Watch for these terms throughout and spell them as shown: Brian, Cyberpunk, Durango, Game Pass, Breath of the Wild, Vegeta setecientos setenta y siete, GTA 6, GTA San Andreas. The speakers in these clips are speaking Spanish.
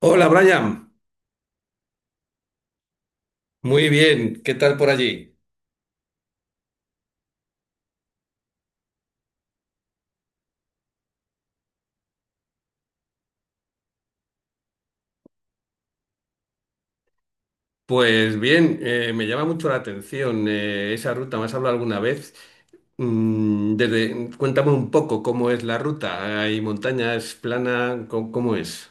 Hola Brian, muy bien, ¿qué tal por allí? Pues bien, me llama mucho la atención, esa ruta. ¿Me has hablado alguna vez? Desde, cuéntame un poco cómo es la ruta. ¿Hay montañas, plana? ¿Cómo, cómo es?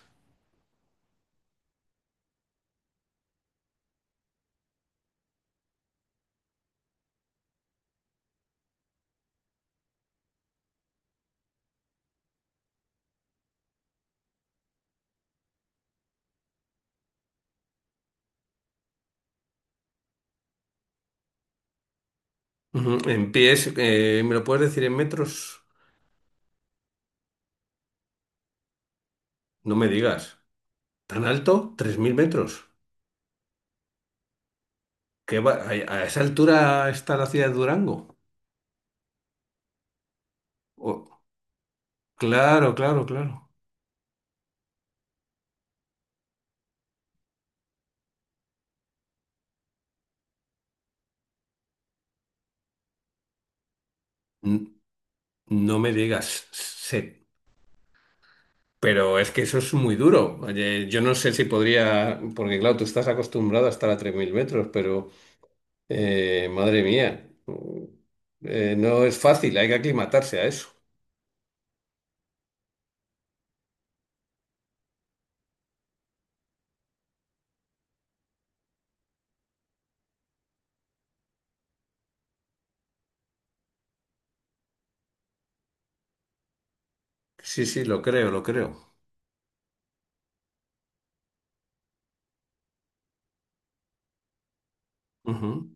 Ujú. En pies, ¿me lo puedes decir en metros? No me digas. ¿Tan alto? ¿Tres mil metros? A esa altura está la ciudad de Durango? Oh, claro, claro, claro. N- no me digas. Pero es que eso es muy duro. Oye, yo no sé si podría, porque claro, tú estás acostumbrado a estar a 3.000 metros, pero madre mía, no es fácil, hay que aclimatarse a eso. Sí, sí, lo creo, lo creo. Ujú.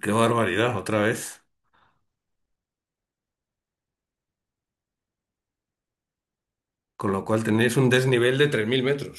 Qué barbaridad, otra vez. Con lo cual tenéis un desnivel de tres mil metros.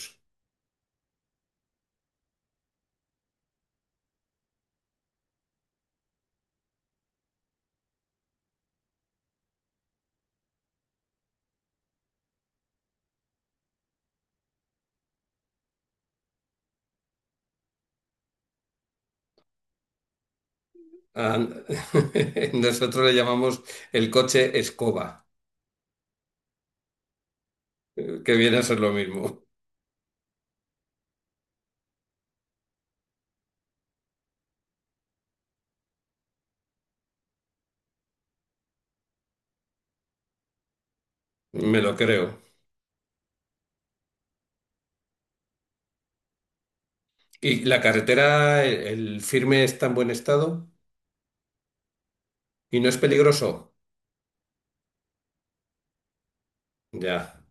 Ah, nosotros le llamamos el coche escoba, que viene a ser lo mismo. Me lo creo. ¿Y la carretera, el firme está en buen estado? Y no es peligroso. Ya,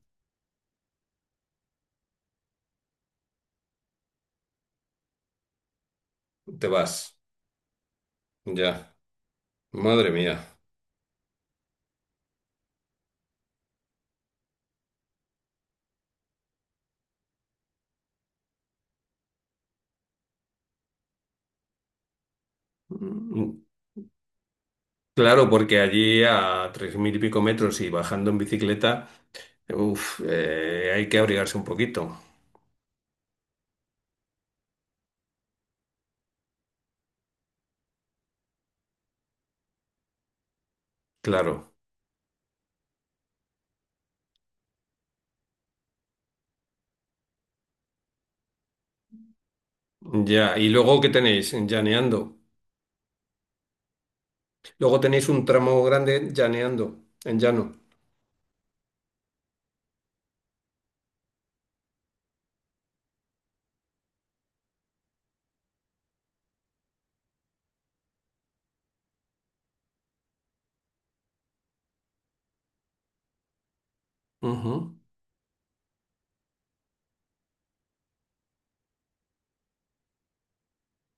te vas. Ya. Madre mía. Mm, Claro, porque allí a tres mil y pico metros y bajando en bicicleta, uf, hay que abrigarse un poquito. Claro. Ya. ¿Y luego qué tenéis? Llaneando. Luego tenéis un tramo grande llaneando, en llano. Ujú.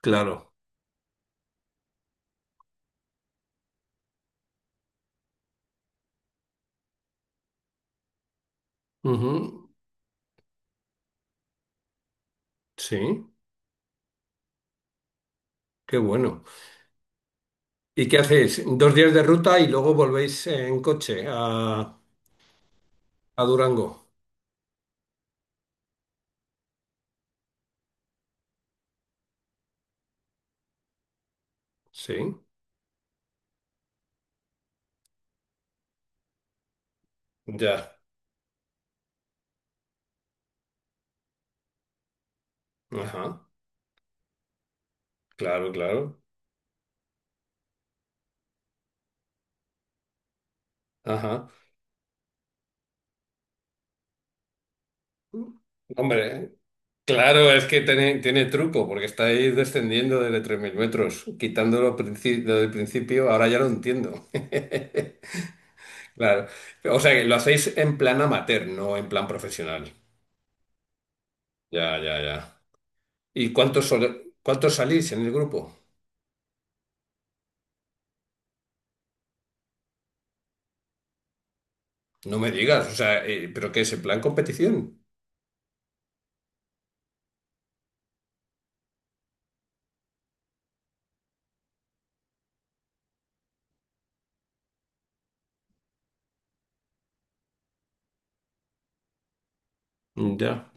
Claro. Ujú. Sí. Qué bueno. ¿Y qué hacéis? Dos días de ruta y luego volvéis en coche a Durango. Sí. Ya. Ajá, claro, claro. Ajá. Hombre, claro, es que tiene, tiene truco, porque estáis descendiendo desde 3.000 metros, quitándolo desde el principio, ahora ya lo entiendo. Claro. O sea, que lo hacéis en plan amateur, no en plan profesional. Ya, ya, ya. ¿Y cuántos, cuántos salís en el grupo? No me digas, o sea, ¿pero qué es en plan competición? Ya,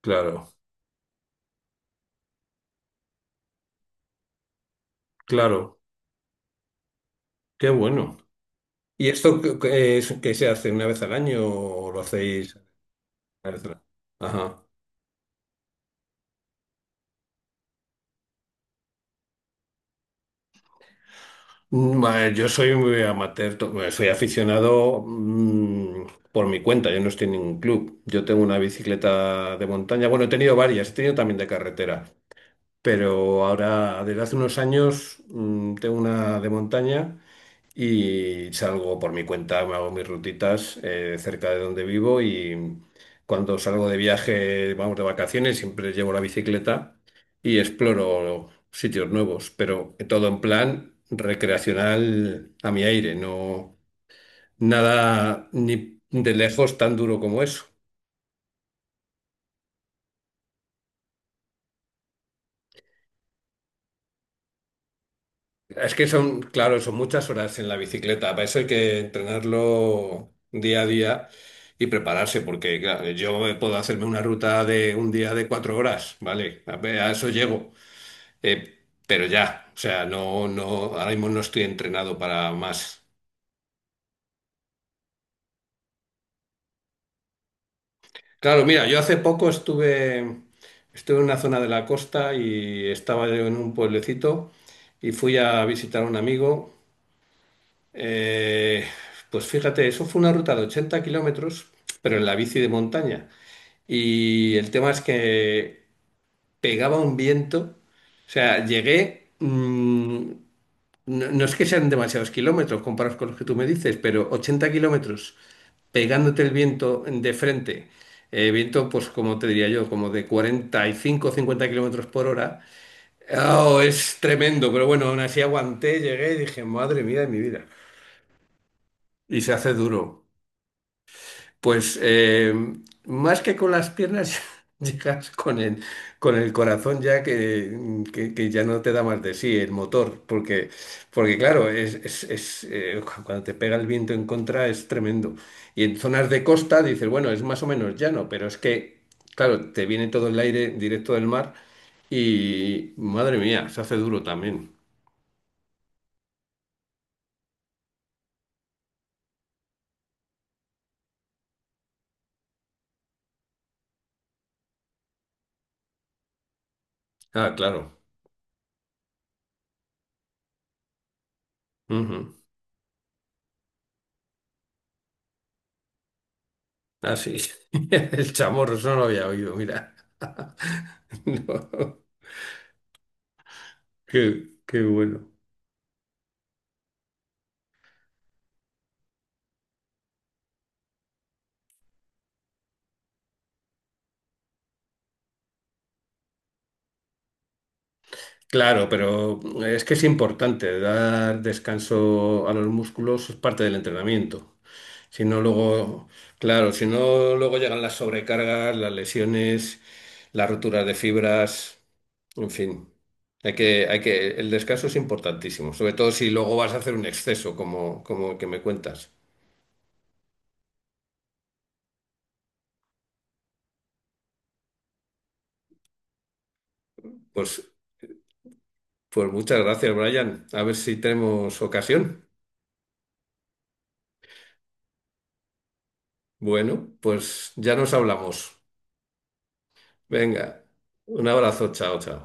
claro, claro. Qué bueno. ¿Y esto que es, que se hace una vez al año o lo hacéis? Maestra. Ajá. A ver, yo soy muy amateur, bueno, soy aficionado, por mi cuenta, yo no estoy en ningún club. Yo tengo una bicicleta de montaña, bueno, he tenido varias, he tenido también de carretera, pero ahora desde hace unos años, tengo una de montaña y salgo por mi cuenta, me hago mis rutitas, cerca de donde vivo, y cuando salgo de viaje, vamos de vacaciones, siempre llevo la bicicleta y exploro sitios nuevos, pero todo en plan recreacional a mi aire, no nada ni de lejos tan duro como eso. Es que son, claro, son muchas horas en la bicicleta. Para eso hay que entrenarlo día a día y prepararse, porque claro, yo me puedo hacerme una ruta de un día de cuatro horas, ¿vale? A ver, a eso llego. Eh, pero ya, o sea, no, no, ahora mismo no estoy entrenado para más. Claro, mira, yo hace poco estuve, estuve en una zona de la costa y estaba yo en un pueblecito y fui a visitar a un amigo. Eh, pues fíjate, eso fue una ruta de 80 kilómetros, pero en la bici de montaña. Y el tema es que pegaba un viento. O sea, llegué. No, no es que sean demasiados kilómetros comparados con los que tú me dices, pero 80 kilómetros pegándote el viento de frente. Eh, viento, pues como te diría yo, como de 45 o 50 kilómetros por hora. Oh, es tremendo, pero bueno, aún así aguanté, llegué y dije, madre mía de mi vida. Y se hace duro. Pues más que con las piernas llegas con el corazón ya que ya no te da más de sí, el motor, porque, porque claro, es, es, cuando te pega el viento en contra es tremendo. Y en zonas de costa dices, bueno, es más o menos llano, pero es que, claro, te viene todo el aire directo del mar y, madre mía, se hace duro también. Ah, claro. Ujú. Ah, sí. El chamorro, eso no lo había oído, mira. No. Qué, qué bueno. Claro, pero es que es importante dar descanso a los músculos, es parte del entrenamiento. Si no luego, claro, si no luego llegan las sobrecargas, las lesiones, las roturas de fibras, en fin. Hay que, el descanso es importantísimo, sobre todo si luego vas a hacer un exceso, como, como el que me cuentas. Pues, pues muchas gracias, Brian. A ver si tenemos ocasión. Bueno, pues ya nos hablamos. Venga, un abrazo, chao, chao.